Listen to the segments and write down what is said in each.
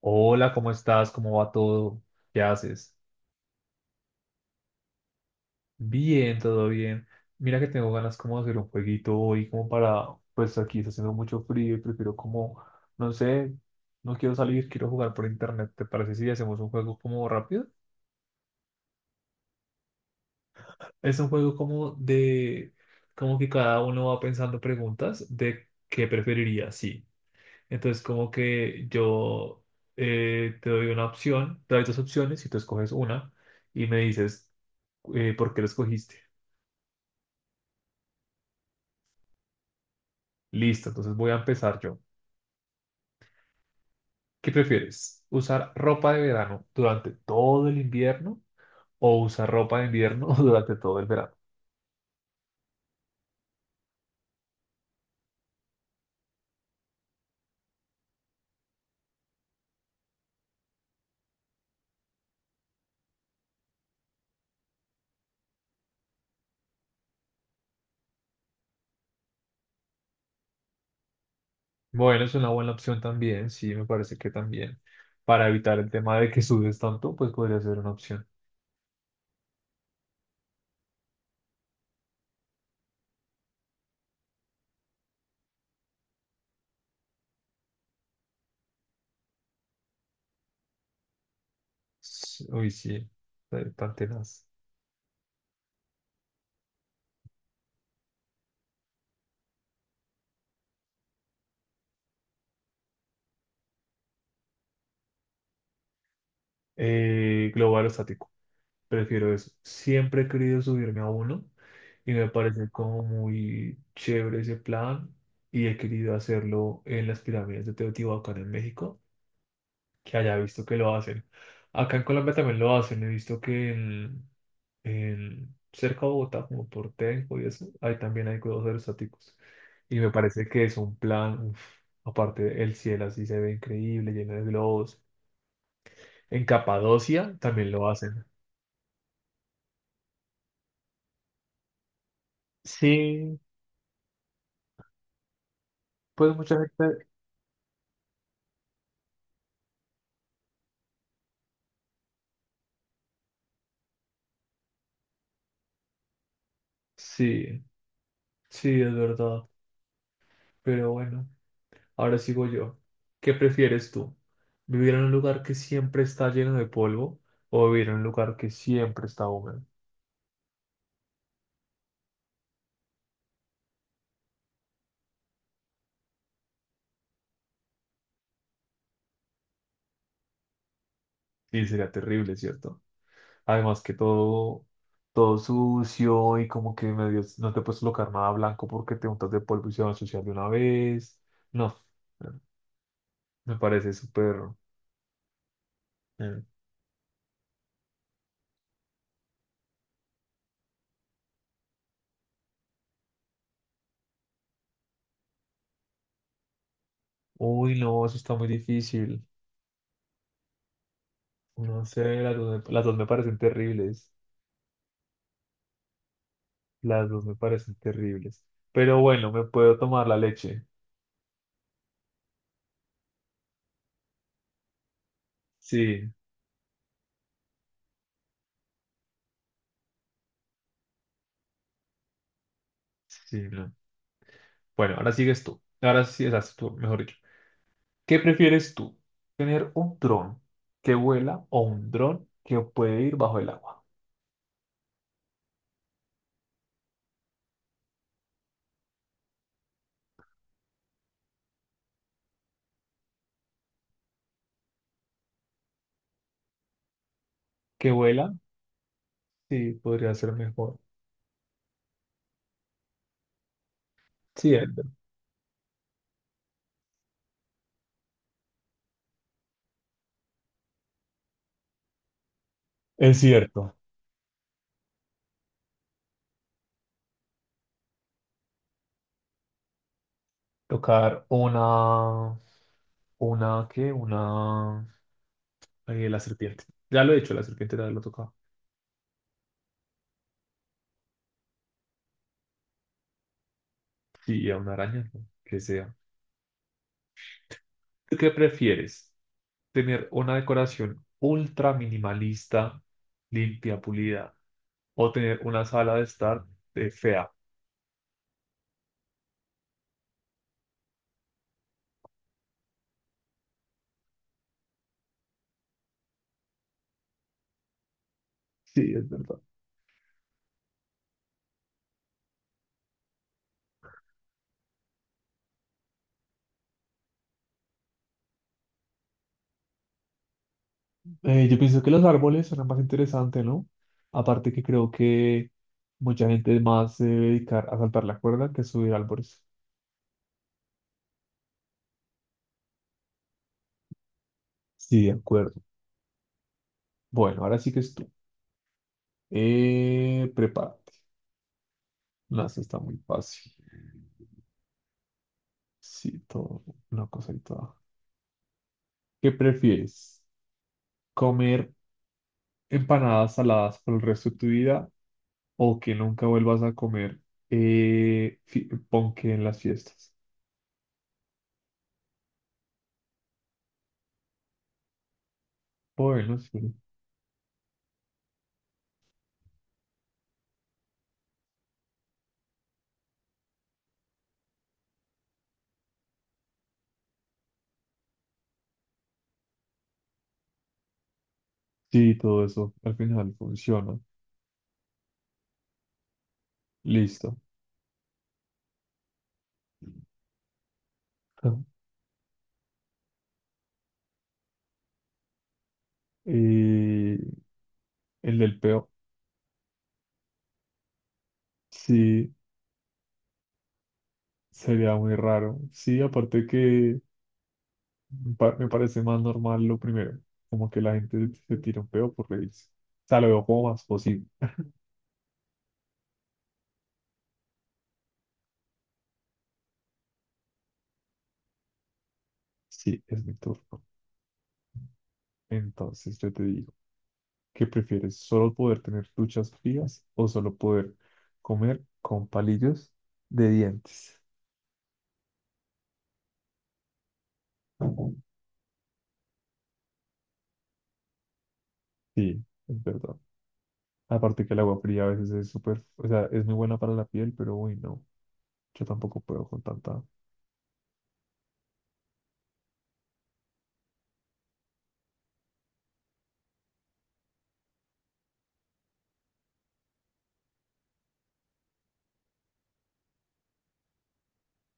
Hola, ¿cómo estás? ¿Cómo va todo? ¿Qué haces? Bien, todo bien. Mira que tengo ganas como de hacer un jueguito hoy, como para, pues aquí está haciendo mucho frío y prefiero como, no sé, no quiero salir, quiero jugar por internet. ¿Te parece si hacemos un juego como rápido? Es un juego como de, como que cada uno va pensando preguntas de qué preferiría, sí. Entonces como que yo te doy una opción, te doy dos opciones y tú escoges una y me dices ¿por qué lo escogiste? Listo, entonces voy a empezar yo. ¿Qué prefieres? ¿Usar ropa de verano durante todo el invierno o usar ropa de invierno durante todo el verano? Bueno, es una buena opción también, sí, me parece que también. Para evitar el tema de que sudes tanto, pues podría ser una opción. Uy, sí, tan tenaz. Global o estático. Prefiero eso. Siempre he querido subirme a uno y me parece como muy chévere ese plan y he querido hacerlo en las pirámides de Teotihuacán en México, que haya visto que lo hacen. Acá en Colombia también lo hacen, he visto que en cerca de Bogotá, como por Tenjo y eso, ahí también hay globos aerostáticos. Y me parece que es un plan, uf, aparte el cielo así se ve increíble, lleno de globos. En Capadocia también lo hacen. Sí, pues mucha gente. Sí, sí, es verdad. Pero bueno, ahora sigo yo. ¿Qué prefieres tú? ¿Vivir en un lugar que siempre está lleno de polvo o vivir en un lugar que siempre está húmedo? Sí, sería terrible, ¿cierto? Además que todo sucio y como que medio no te puedes colocar nada blanco porque te untas de polvo y se va a ensuciar de una vez. No, me parece súper. eh, Uy, no, eso está muy difícil. No sé, las dos me parecen terribles. Las dos me parecen terribles. Pero bueno, me puedo tomar la leche. Sí, sí, no. Bueno, ahora sigues tú. Ahora sí, estás tú, mejor dicho. ¿Qué prefieres tú? ¿Tener un dron que vuela o un dron que puede ir bajo el agua? ¿Que vuela? Sí, podría ser mejor. Sí, es ver- es cierto. Tocar una... ¿Una qué? Una... la serpiente. Ya lo he hecho, la serpiente ya lo he tocado. Sí, a una araña, ¿no? Que sea. ¿Tú qué prefieres? ¿Tener una decoración ultra minimalista, limpia, pulida, o tener una sala de estar de fea? Sí, es verdad. Yo pienso que los árboles son más interesante, ¿no? Aparte que creo que mucha gente más se debe dedicar a saltar la cuerda que a subir árboles. Sí, de acuerdo. Bueno, ahora sí que es tú. Prepárate. No, eso está muy fácil. Sí, todo, una cosa y toda. ¿Qué prefieres? Comer empanadas saladas por el resto de tu vida o que nunca vuelvas a comer ponqué en las fiestas. Bueno, sí, sí, todo eso al final funciona. Listo. Ah. Y el del peo, sí, sería muy raro. Sí, aparte que me parece más normal lo primero, como que la gente se tira un peo por reírse. O sea, lo veo como más posible. Sí, es mi turno. Entonces yo te digo. ¿Qué prefieres? ¿Solo poder tener duchas frías o solo poder comer con palillos de dientes? Sí, es verdad. Aparte que el agua fría a veces es súper, o sea, es muy buena para la piel, pero uy, no, yo tampoco puedo con tanta.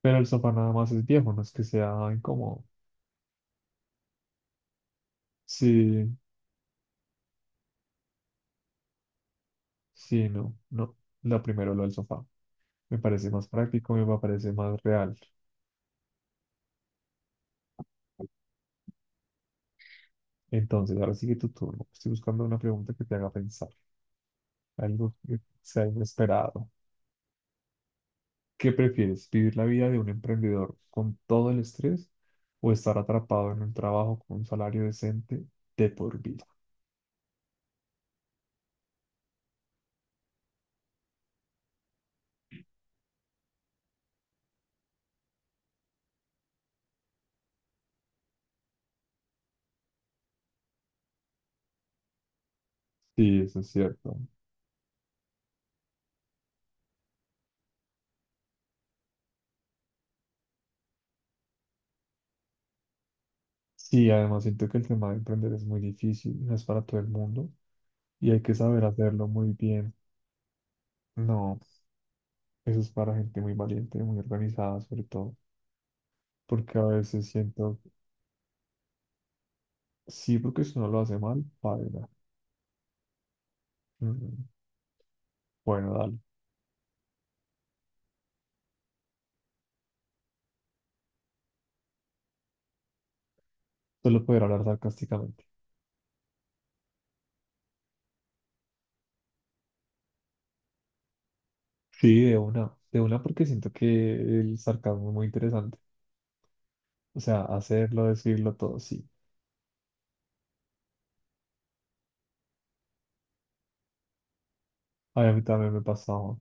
Pero el sofá nada más es viejo, no es que sea incómodo. Sí, sí, no, no. Lo primero, lo del sofá. Me parece más práctico, me parece más real. Entonces, ahora sigue tu turno. Estoy buscando una pregunta que te haga pensar. Algo que sea inesperado. ¿Qué prefieres? ¿Vivir la vida de un emprendedor con todo el estrés o estar atrapado en un trabajo con un salario decente de por vida? Sí, eso es cierto. Sí, además siento que el tema de emprender es muy difícil, no es para todo el mundo y hay que saber hacerlo muy bien. No, eso es para gente muy valiente, muy organizada sobre todo, porque a veces siento, sí, porque si uno lo hace mal, paga. Bueno, dale, solo poder hablar sarcásticamente. Sí, de una porque siento que el sarcasmo es muy interesante. O sea, hacerlo, decirlo todo, sí. Ay, a mí también me pasaba,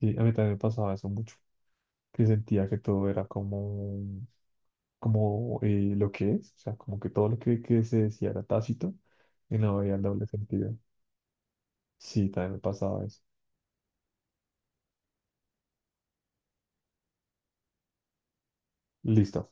sí, a mí también me pasaba eso mucho, que sentía que todo era como, como lo que es, o sea, como que todo lo que se decía era tácito y no había el doble sentido. Sí, también me pasaba eso. Listo.